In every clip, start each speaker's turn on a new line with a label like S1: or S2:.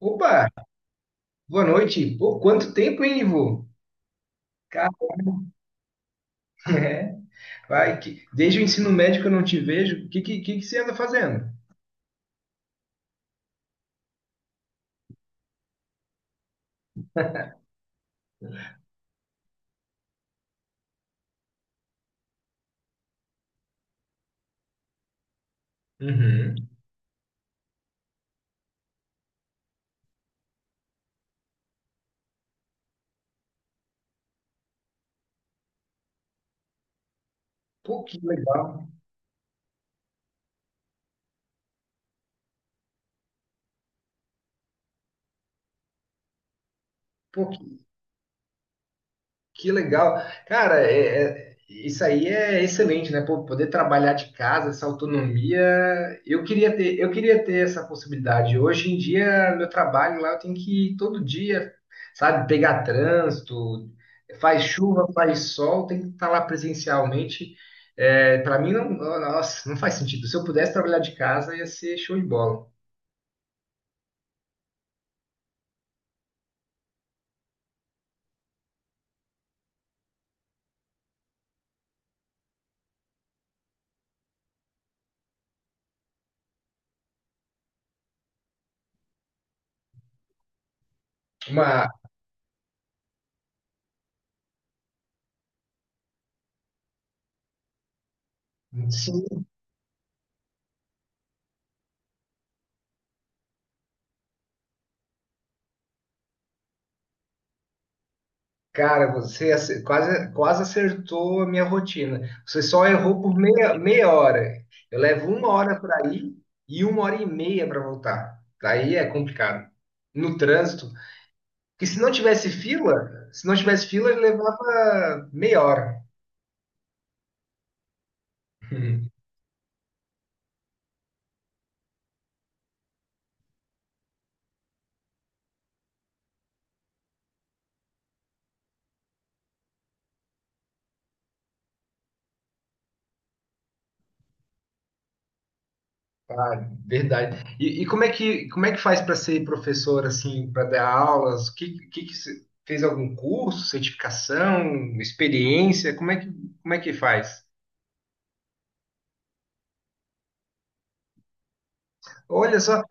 S1: Opa, boa noite. Pô, quanto tempo, hein, Ivo? Cara, é. Vai, desde o ensino médio que eu não te vejo. O que você anda fazendo? Uhum. Pô, que legal. Que legal. Cara, isso aí é excelente, né? Pô, poder trabalhar de casa, essa autonomia. Eu queria ter essa possibilidade. Hoje em dia, meu trabalho lá, eu tenho que ir todo dia, sabe, pegar trânsito, faz chuva, faz sol, tem que estar lá presencialmente. É, para mim, não, nossa, não faz sentido. Se eu pudesse trabalhar de casa, ia ser show de bola. Uma, sim. Cara, quase, quase acertou a minha rotina. Você só errou por meia hora. Eu levo uma hora para ir e uma hora e meia para voltar. Daí é complicado. No trânsito. Porque se não tivesse fila, ele levava meia hora. Ah, verdade. Como é como é que faz para ser professor, assim, para dar aulas? O que você- fez algum curso, certificação, experiência? Como é que faz? Olha só.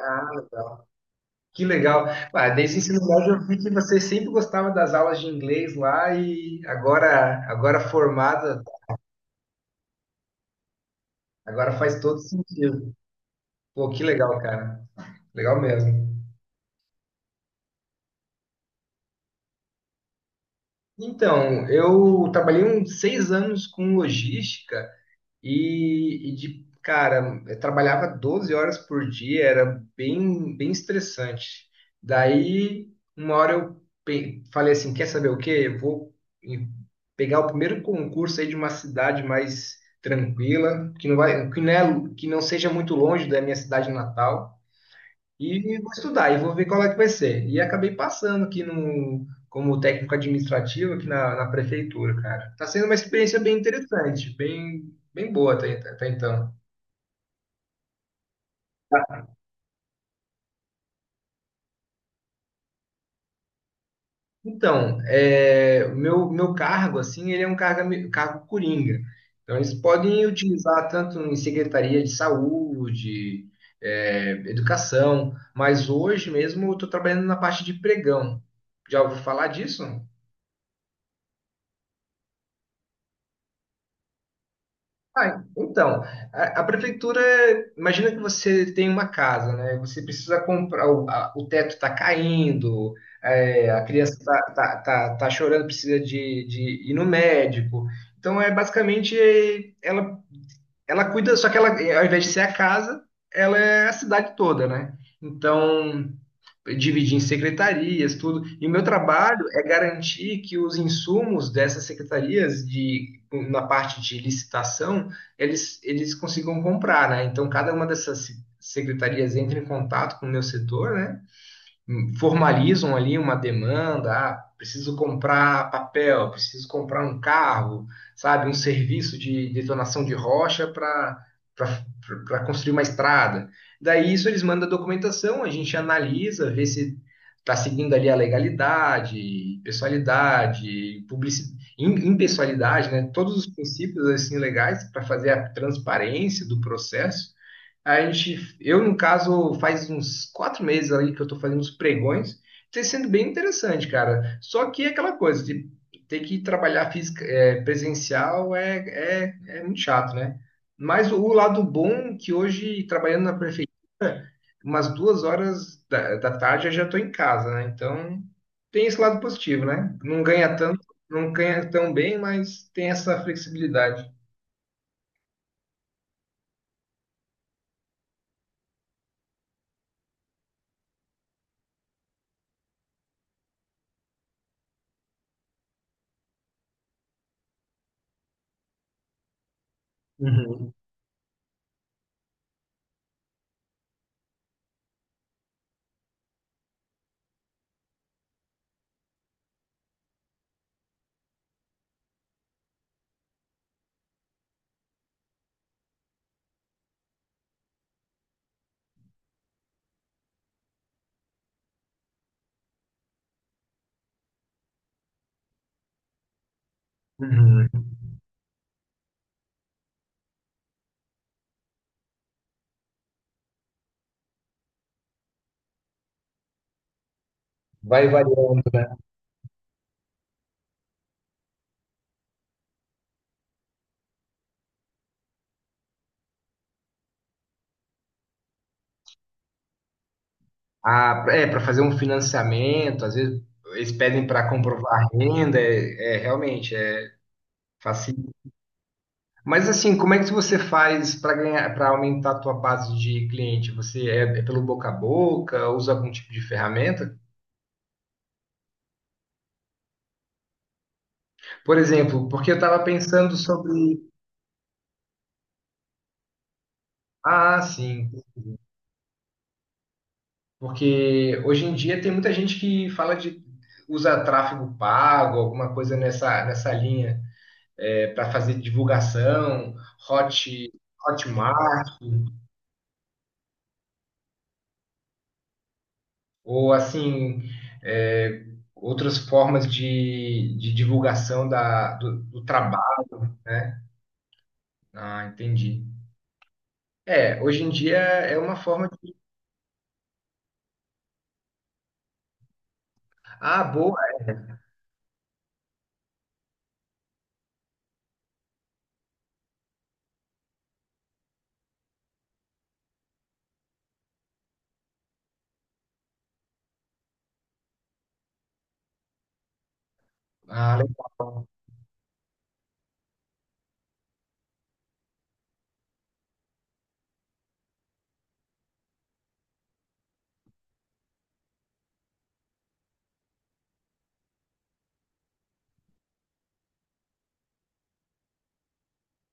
S1: Ah, legal. Que legal. Ah, desde o ensino médio eu vi que você sempre gostava das aulas de inglês lá e agora formada, agora faz todo sentido. Pô, que legal, cara. Legal mesmo. Então, eu trabalhei uns seis anos com logística. Cara, eu trabalhava 12 horas por dia, era bem estressante. Daí, uma hora falei assim, quer saber o quê? Eu vou em- pegar o primeiro concurso aí de uma cidade mais tranquila, que que não seja muito longe da minha cidade natal. E vou estudar e vou ver qual é que vai ser. E acabei passando aqui no, como técnico administrativo aqui na prefeitura, cara. Tá sendo uma experiência bem interessante, bem boa até, até então. Então, é, meu cargo, assim, ele é um cargo coringa. Então, eles podem utilizar tanto em secretaria de saúde, é, educação, mas hoje mesmo eu estou trabalhando na parte de pregão. Já ouviu falar disso? Ah, então, a prefeitura, imagina que você tem uma casa, né? Você precisa comprar, o teto está caindo, é, a criança está tá, tá, tá- tá chorando, precisa de ir no médico. Então, é basicamente, é, ela cuida, só que ela, ao invés de ser a casa, ela é a cidade toda, né? Então, dividir em secretarias, tudo. E o meu trabalho é garantir que os insumos dessas secretarias de na parte de licitação, eles consigam comprar, né? Então cada uma dessas secretarias entra em contato com o meu setor, né? Formalizam ali uma demanda, ah, preciso comprar papel, preciso comprar um carro, sabe, um serviço de detonação de rocha para construir uma estrada. Daí isso eles mandam a documentação, a gente analisa, vê se está seguindo ali a legalidade, pessoalidade, publicidade, impessoalidade, né? Todos os princípios assim legais para fazer a transparência do processo. Eu, no caso, faz uns quatro meses aí que eu tô fazendo os pregões. Tem sendo bem interessante, cara. Só que é aquela coisa de ter que trabalhar presencial é muito chato, né? Mas o lado bom é que hoje, trabalhando na prefeitura, umas duas horas da tarde eu já tô em casa, né? Então tem esse lado positivo, né? Não ganha tanto, não ganha tão bem, mas tem essa flexibilidade. Uhum, uhum. Vai variando. Ah, é, para fazer um financiamento, às vezes eles pedem para comprovar renda, realmente é fácil. Mas assim, como é que você faz para ganhar, para aumentar a tua base de cliente? Você é pelo boca a boca, usa algum tipo de ferramenta? Por exemplo, porque eu estava pensando sobre, ah, sim, porque hoje em dia tem muita gente que fala de usa tráfego pago, alguma coisa nessa linha, para fazer divulgação, hot Hotmart, ou assim, é, outras formas de divulgação do trabalho, né? Ah, entendi. É, hoje em dia é uma forma de. Ah, boa. Ah, legal.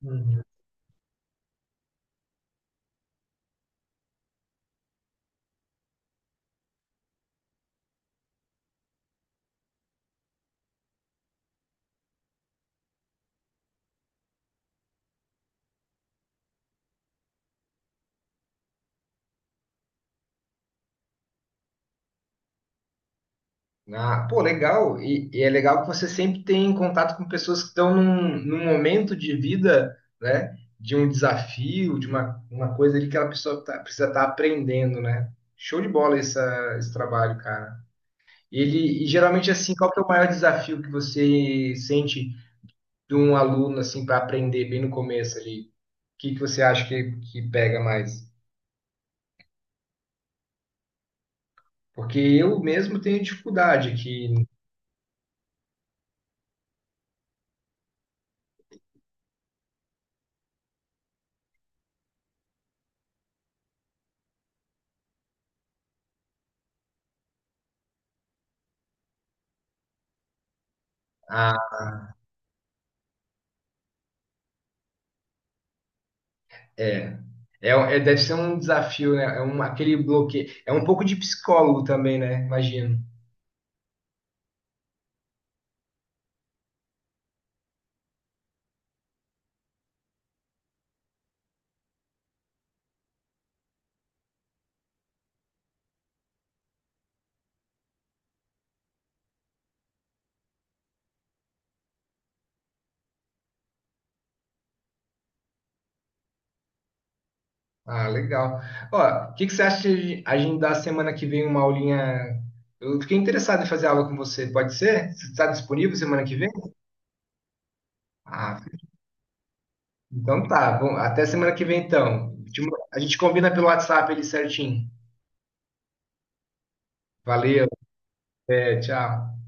S1: Uhum. Ah, pô, legal. E é legal que você sempre tem contato com pessoas que estão num momento de vida, né? De um desafio, uma coisa ali que a pessoa tá- precisa estar aprendendo, né? Show de bola esse trabalho, cara. Ele, e geralmente, assim, qual que é o maior desafio que você sente de um aluno, assim, para aprender bem no começo ali? O que que você acha que pega mais? Porque eu mesmo tenho dificuldade que é, deve ser um desafio, né? É um, aquele bloqueio. É um pouco de psicólogo também, né? Imagino. Ah, legal. Ó, o que que você acha de a gente dar semana que vem uma aulinha? Eu fiquei interessado em fazer aula com você. Pode ser? Você está disponível semana que vem? Ah, então tá, bom, até semana que vem então. A gente combina pelo WhatsApp ali certinho. Valeu, até, tchau.